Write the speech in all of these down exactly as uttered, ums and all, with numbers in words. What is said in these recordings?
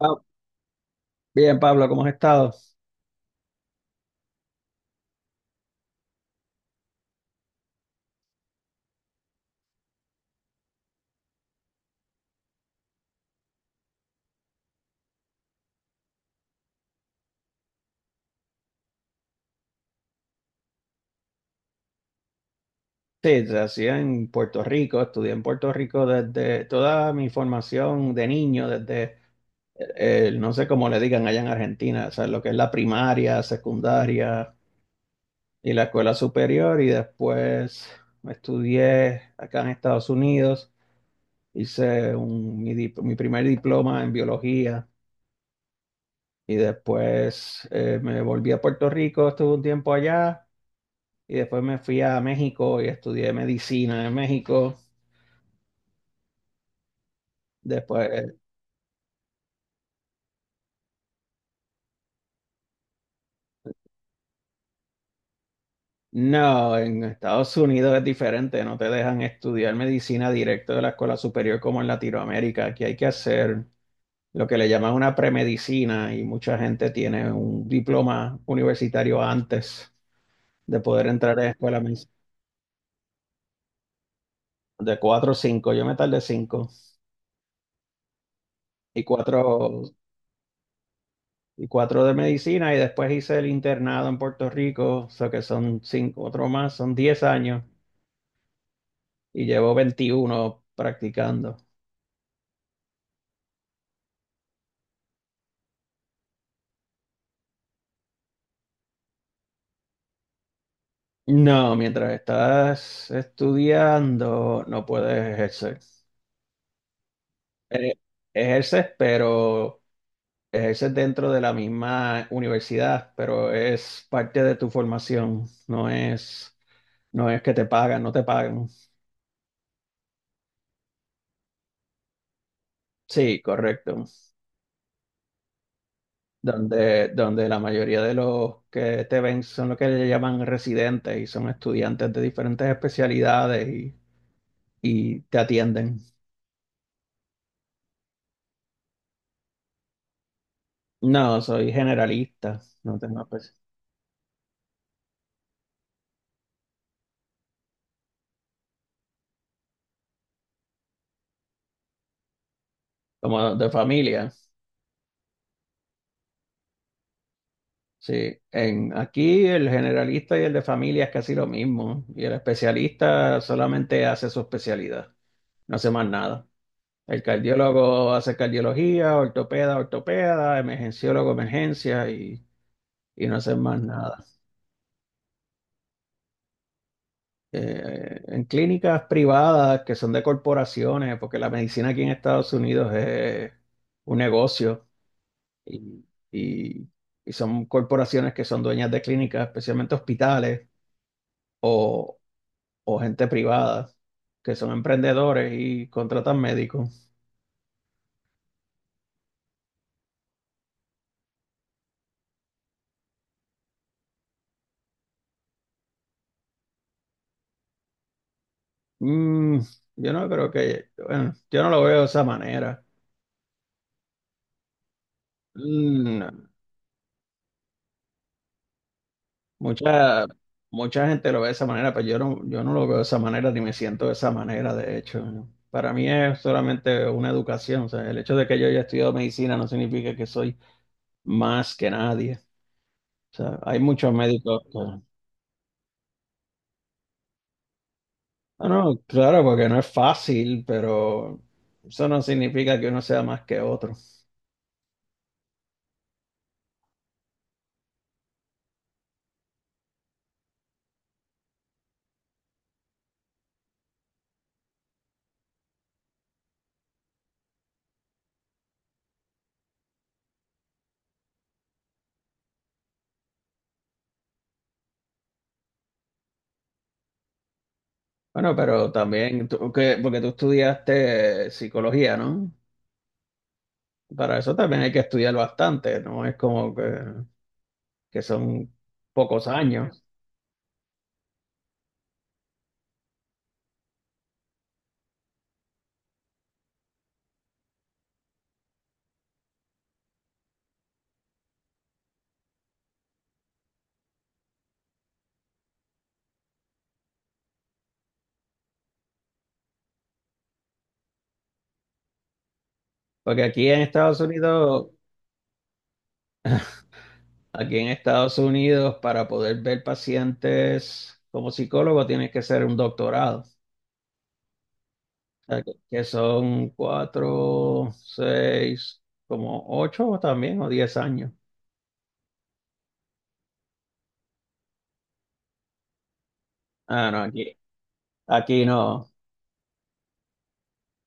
Ah, bien, Pablo, ¿cómo has estado? Sí, nací en Puerto Rico, estudié en Puerto Rico desde toda mi formación de niño, desde, eh, no sé cómo le digan allá en Argentina, o sea, lo que es la primaria, secundaria y la escuela superior, y después estudié acá en Estados Unidos, hice un- mi, dip- mi primer diploma en biología, y después eh, me volví a Puerto Rico, estuve un tiempo allá, y después me fui a México y estudié medicina en México. Después, no, en Estados Unidos es diferente, no te dejan estudiar medicina directo de la escuela superior como en Latinoamérica. Aquí hay que hacer lo que le llaman una premedicina y mucha gente tiene un diploma universitario antes de poder entrar a la escuela mes-. De cuatro o cinco. Yo me tardé cinco y cuatro y cuatro de medicina y después hice el internado en Puerto Rico, o sea que son cinco, otro más, son diez años y llevo veintiuno practicando. No, mientras estás estudiando no puedes ejercer. Eh, Ejerces, pero ejerces dentro de la misma universidad, pero es parte de tu formación, no es, no es que te pagan, no te pagan. Sí, correcto. Donde, donde la mayoría de los que te ven son lo que le llaman residentes y son estudiantes de diferentes especialidades y, y te atienden. No, soy generalista, no tengo espe-. Como de familia. Sí, en, aquí el generalista y el de familia es casi lo mismo. Y el especialista solamente hace su especialidad, no hace más nada. El cardiólogo hace cardiología, ortopeda, ortopeda, emergenciólogo, emergencia y, y no hace más nada. Eh, en clínicas privadas que son de corporaciones, porque la medicina aquí en Estados Unidos es un negocio y, y y son corporaciones que son dueñas de clínicas, especialmente hospitales o gente privada que son emprendedores y contratan médicos. Mm, yo no creo que, bueno, yo no lo veo de esa manera. Mm, no. Mucha, mucha gente lo ve de esa manera, pero yo no, yo no lo veo de esa manera ni me siento de esa manera, de hecho. ¿No? Para mí es solamente una educación, o sea, el hecho de que yo haya estudiado medicina no significa que soy más que nadie. O sea, hay muchos médicos que... No, no, claro, porque no es fácil, pero eso no significa que uno sea más que otro. Bueno, pero también, tú- que- porque tú estudiaste psicología, ¿no? Para eso también hay que estudiar bastante, no es como que, que son pocos años. Porque aquí en Estados Unidos, aquí en Estados Unidos, para poder ver pacientes como psicólogo, tienes que ser un doctorado. O sea, que, que son cuatro, seis, como ocho también, o diez años. Ah, no, aquí, aquí no.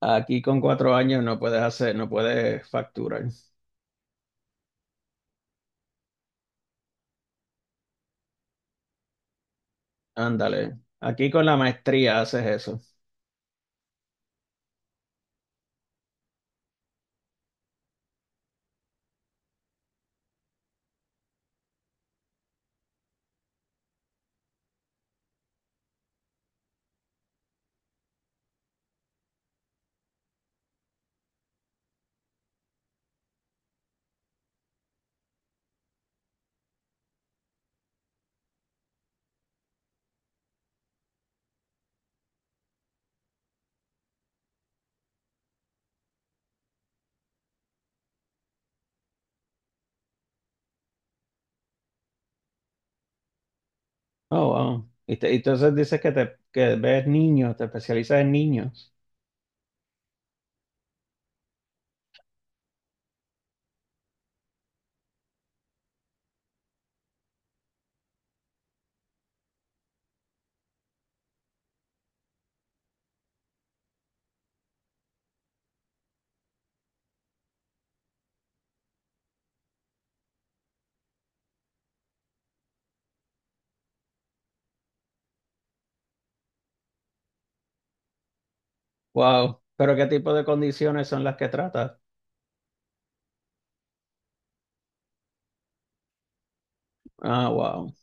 Aquí con cuatro años no puedes hacer, no puedes facturar. Ándale. Aquí con la maestría haces eso. Oh, wow. Y te- y entonces dices que te que ves niños, te especializas en niños. Wow. Pero ¿qué tipo de condiciones son las que tratas? Ah, wow.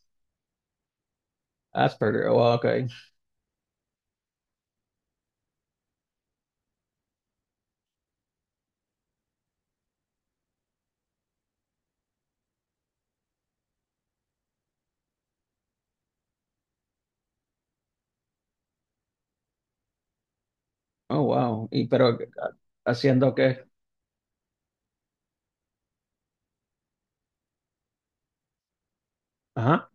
Asperger. Oh, ok. Oh, wow. Y pero, ¿haciendo qué? Ajá.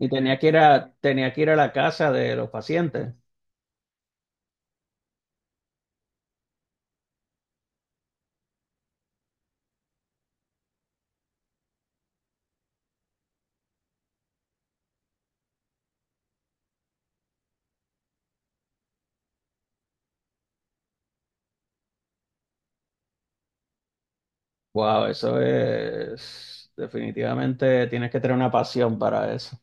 Y tenía que ir a tenía que ir a la casa de los pacientes. Wow, eso es definitivamente tienes que tener una pasión para eso.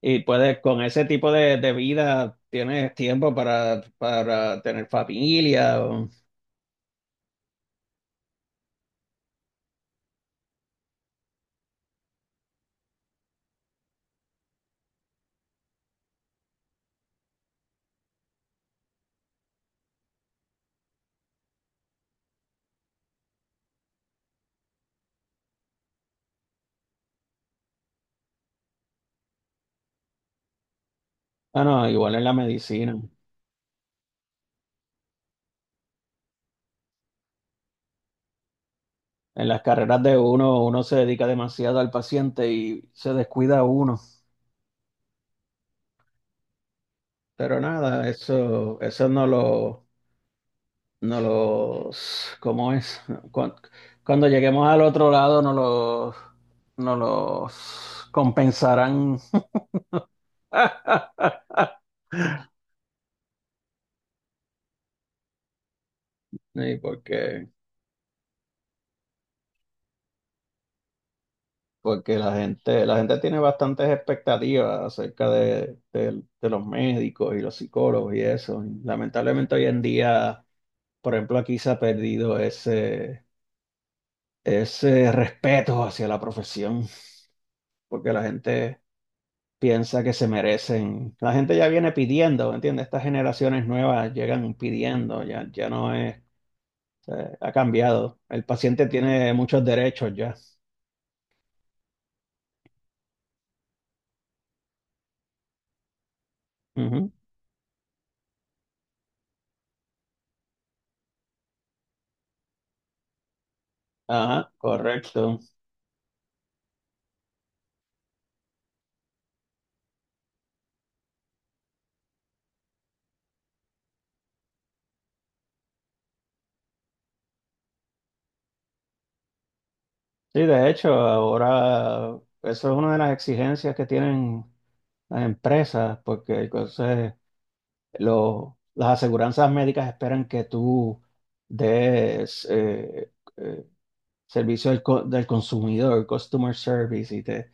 Y puedes, con ese tipo de, de vida, tienes tiempo para, para tener familia. O- Ah, no, igual en la medicina. En las carreras de uno, uno se dedica demasiado al paciente y se descuida uno. Pero nada, eso, eso no lo, no los, ¿cómo es? Cuan- Cuando, lleguemos al otro lado, no los, no los compensarán. Sí, porque porque la gente, la gente tiene bastantes expectativas acerca de, de- de los médicos y los psicólogos y eso. Y lamentablemente hoy en día, por ejemplo, aquí se ha perdido ese, ese respeto hacia la profesión, porque la gente piensa que se merecen. La gente ya viene pidiendo, ¿me entiendes? Estas generaciones nuevas llegan pidiendo, ya, ya no es, eh, ha cambiado. El paciente tiene muchos derechos ya. Ujú. Ajá, correcto. Sí, de hecho, ahora eso es una de las exigencias que tienen las empresas, porque entonces lo- las aseguranzas médicas esperan que tú des eh, eh, servicio al co- del consumidor, customer service, y te,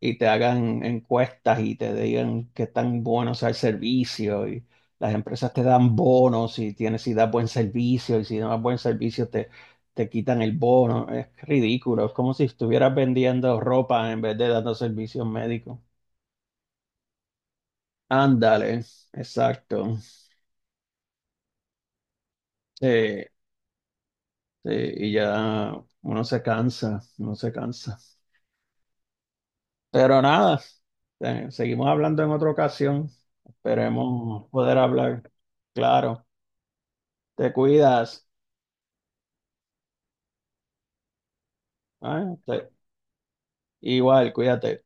y te hagan encuestas y te digan qué tan bueno sea el servicio y las empresas te dan bonos si tienes si das buen servicio y si no das buen servicio te, te quitan el bono. Es ridículo, es como si estuvieras vendiendo ropa en vez de dando servicios médicos. Ándale, exacto. Sí, sí, y ya uno se cansa, uno se cansa. Pero nada, eh, seguimos hablando en otra ocasión. Esperemos poder hablar. Claro. Te cuidas. ¿Eh? Te- Igual, cuídate.